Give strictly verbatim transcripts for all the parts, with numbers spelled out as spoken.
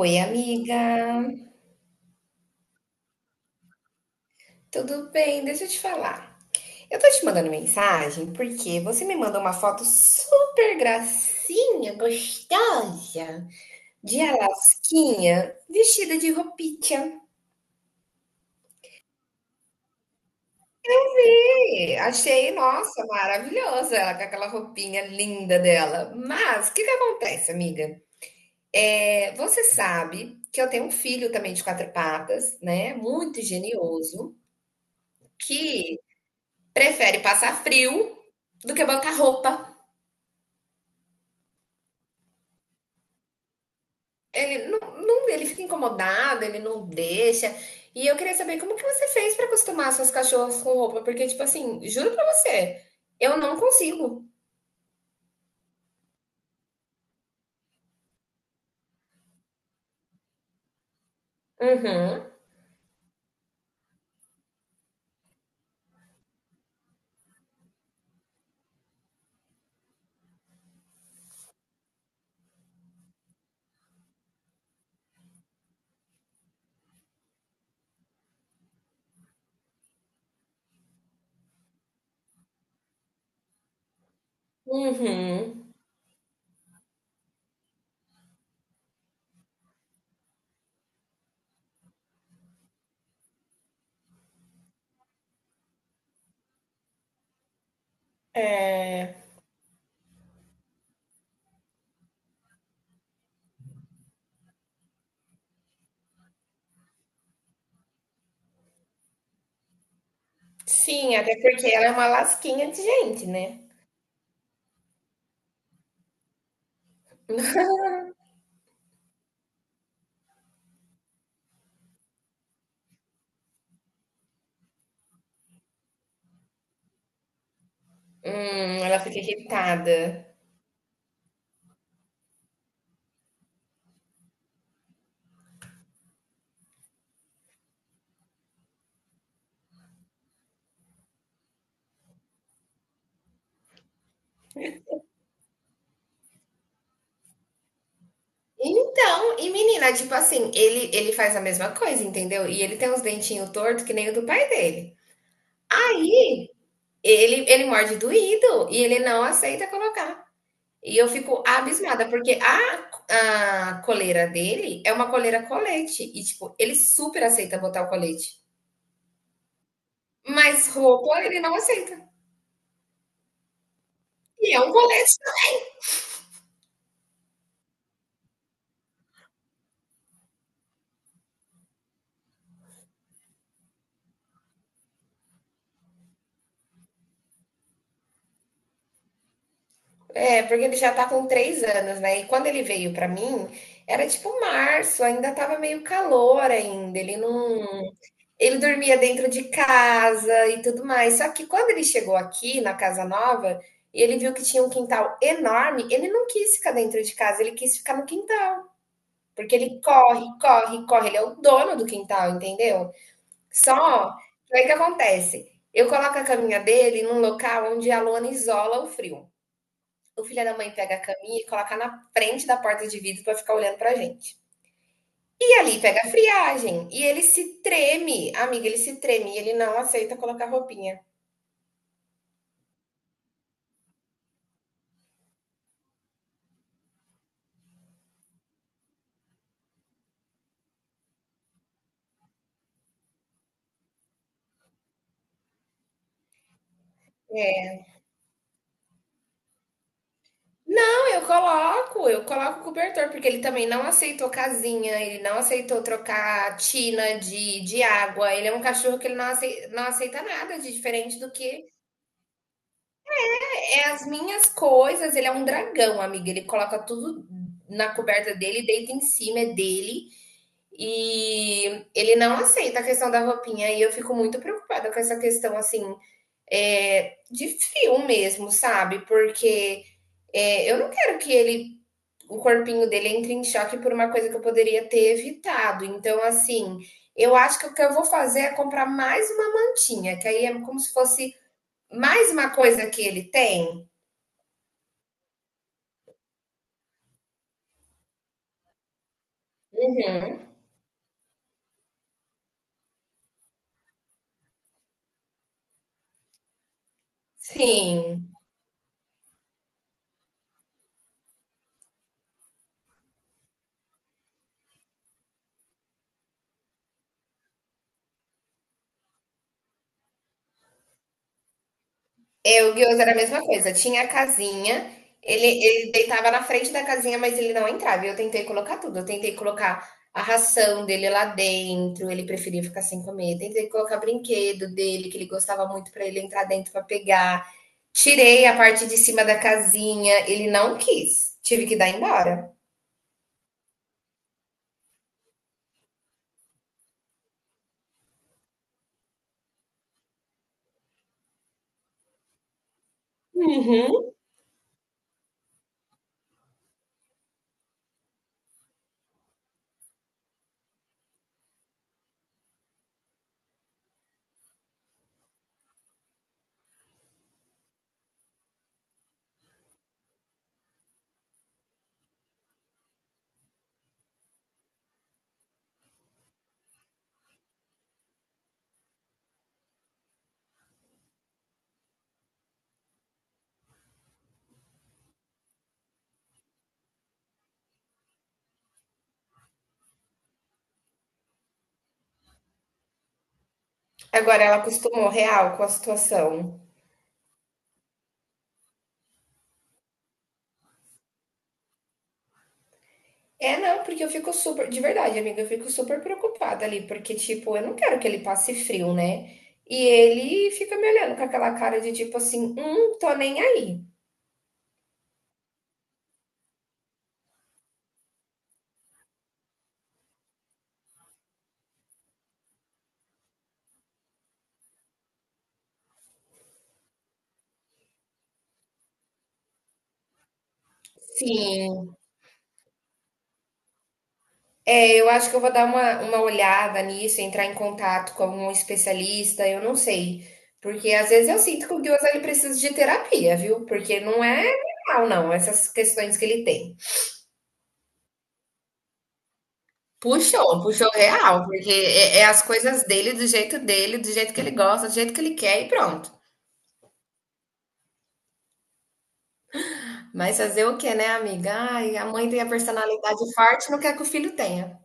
Oi, amiga. Tudo bem? Deixa eu te falar. Eu tô te mandando mensagem porque você me mandou uma foto super gracinha, gostosa, de Alasquinha, vestida de roupinha. E achei, nossa, maravilhosa ela com aquela roupinha linda dela. Mas o que que acontece, amiga? É, você sabe que eu tenho um filho também de quatro patas, né? Muito genioso, que prefere passar frio do que bancar roupa. Ele não, não- ele fica incomodado, ele não deixa. E eu queria saber como que você fez para acostumar suas cachorras com roupa, porque tipo assim, juro pra você, eu não consigo. Uhum. Uhum. É, sim, até porque ela é uma lasquinha de gente, né? Hum, ela fica irritada. Então, e menina, tipo assim, ele ele faz a mesma coisa, entendeu? E ele tem uns dentinhos tortos que nem o do pai dele. Aí, ele ele morde doído e ele não aceita colocar. E eu fico abismada, porque a a coleira dele é uma coleira colete e, tipo, ele super aceita botar o colete, mas roupa ele não aceita. E é um colete. É, porque ele já tá com três anos, né, e quando ele veio pra mim, era tipo março, ainda estava meio calor ainda, ele não ele dormia dentro de casa e tudo mais. Só que quando ele chegou aqui na casa nova, e ele viu que tinha um quintal enorme, ele não quis ficar dentro de casa, ele quis ficar no quintal. Porque ele corre, corre, corre. Ele é o dono do quintal, entendeu? Só que aí que acontece? Eu coloco a caminha dele num local onde a lona isola o frio. O filho da mãe pega a caminha e coloca na frente da porta de vidro para ficar olhando pra gente. E ali pega a friagem. E ele se treme, amiga, ele se treme. E ele não aceita colocar roupinha. Não, eu coloco, eu coloco o cobertor, porque ele também não aceitou casinha, ele não aceitou trocar tina de, de água. Ele é um cachorro que ele não aceita, não aceita nada de diferente do que é as minhas coisas. Ele é um dragão, amiga. Ele coloca tudo na coberta dele, deita em cima, é dele. E ele não aceita a questão da roupinha. E eu fico muito preocupada com essa questão, assim, é, de frio mesmo, sabe? Porque. É, eu não quero que ele o corpinho dele entra em choque por uma coisa que eu poderia ter evitado. Então, assim, eu acho que o que eu vou fazer é comprar mais uma mantinha, que aí é como se fosse mais uma coisa que ele tem. Uhum. Sim. Eu, o Guioso era a mesma coisa, tinha a casinha. Ele, ele deitava na frente da casinha, mas ele não entrava. E eu tentei colocar tudo. Eu tentei colocar a ração dele lá dentro, ele preferia ficar sem comer. Tentei colocar brinquedo dele, que ele gostava muito, para ele entrar dentro para pegar. Tirei a parte de cima da casinha, ele não quis. Tive que dar embora. Uhum. Agora ela acostumou real com a situação. É, não, porque eu fico super, de verdade, amiga, eu fico super preocupada ali, porque, tipo, eu não quero que ele passe frio, né? E ele fica me olhando com aquela cara de tipo assim, hum, tô nem aí. Sim, é, eu acho que eu vou dar uma, uma olhada nisso, entrar em contato com algum especialista, eu não sei. Porque às vezes eu sinto que o Gyoza ele precisa de terapia, viu? Porque não é real, não, essas questões que ele tem. Puxou, puxou real, porque é, é as coisas dele, do jeito dele, do jeito que ele gosta, do jeito que ele quer e pronto. Mas fazer o quê, né, amiga? Ai, a mãe tem a personalidade forte, não quer que o filho tenha.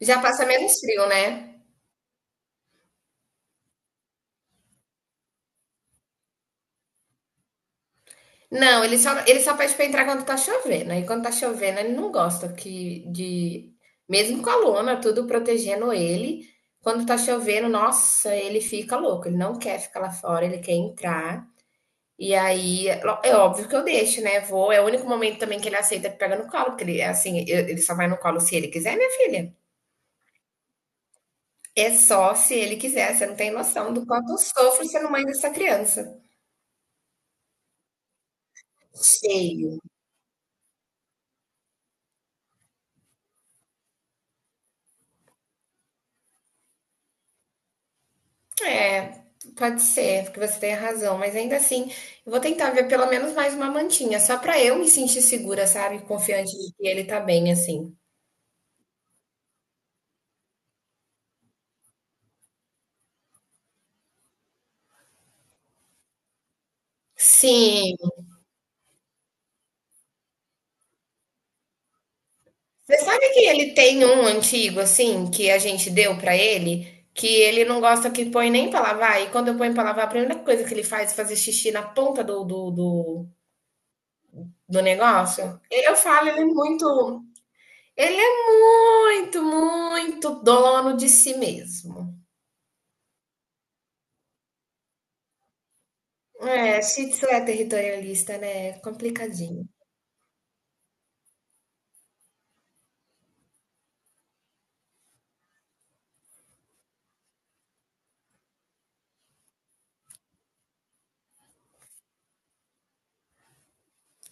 Já passa menos frio, né? Não, ele só, ele só pede pra entrar quando tá chovendo. Aí quando tá chovendo, ele não gosta que de. Mesmo com a lona, tudo protegendo ele. Quando tá chovendo, nossa, ele fica louco. Ele não quer ficar lá fora, ele quer entrar. E aí, é é óbvio que eu deixo, né? Vou. É o único momento também que ele aceita que pega no colo, porque ele, é assim, eu- ele só vai no colo se ele quiser, minha filha. É só se ele quiser. Você não tem noção do quanto eu sofro sendo mãe dessa criança. Cheio. É, pode ser, porque você tem razão, mas ainda assim, eu vou tentar ver pelo menos mais uma mantinha, só para eu me sentir segura, sabe? Confiante de que ele tá bem, assim. Sim. Você sabe que ele tem um antigo, assim, que a gente deu pra ele, que ele não gosta que põe nem pra lavar, e quando eu ponho pra lavar, a primeira coisa que ele faz é fazer xixi na ponta do, do, do, do negócio? Eu falo, ele é muito. Ele é muito, muito dono de si mesmo. É, Shih Tzu é territorialista, né? É complicadinho.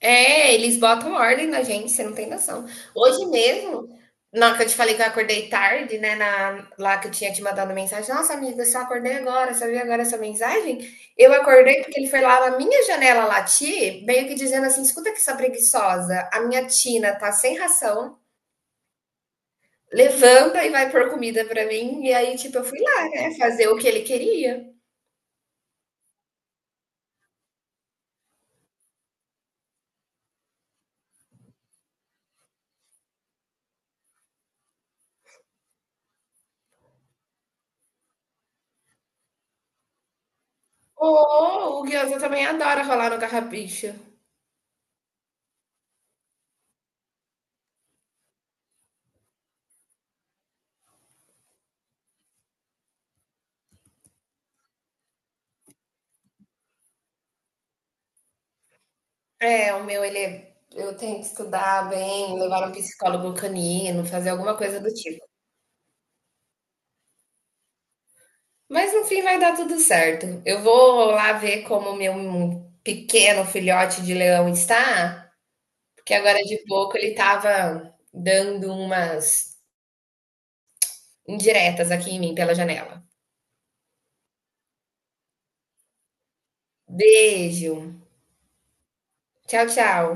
É, eles botam ordem na gente, você não tem noção. Hoje mesmo, na hora que eu te falei que eu acordei tarde, né? Na, lá que eu tinha te mandado mensagem, nossa amiga, eu só acordei agora, só vi agora essa mensagem. Eu acordei porque ele foi lá na minha janela latir, meio que dizendo assim: escuta que sua preguiçosa, a minha tina tá sem ração, levanta e vai pôr comida pra mim. E aí, tipo, eu fui lá, né? Fazer o que ele queria. Oh, o Guiosa também adora rolar no carrapicho. É, o meu ele é eu tenho que estudar bem, levar um psicólogo canino, fazer alguma coisa do tipo. Mas no fim vai dar tudo certo. Eu vou lá ver como o meu pequeno filhote de leão está, porque agora de pouco ele estava dando umas indiretas aqui em mim pela janela. Beijo. Tchau, tchau.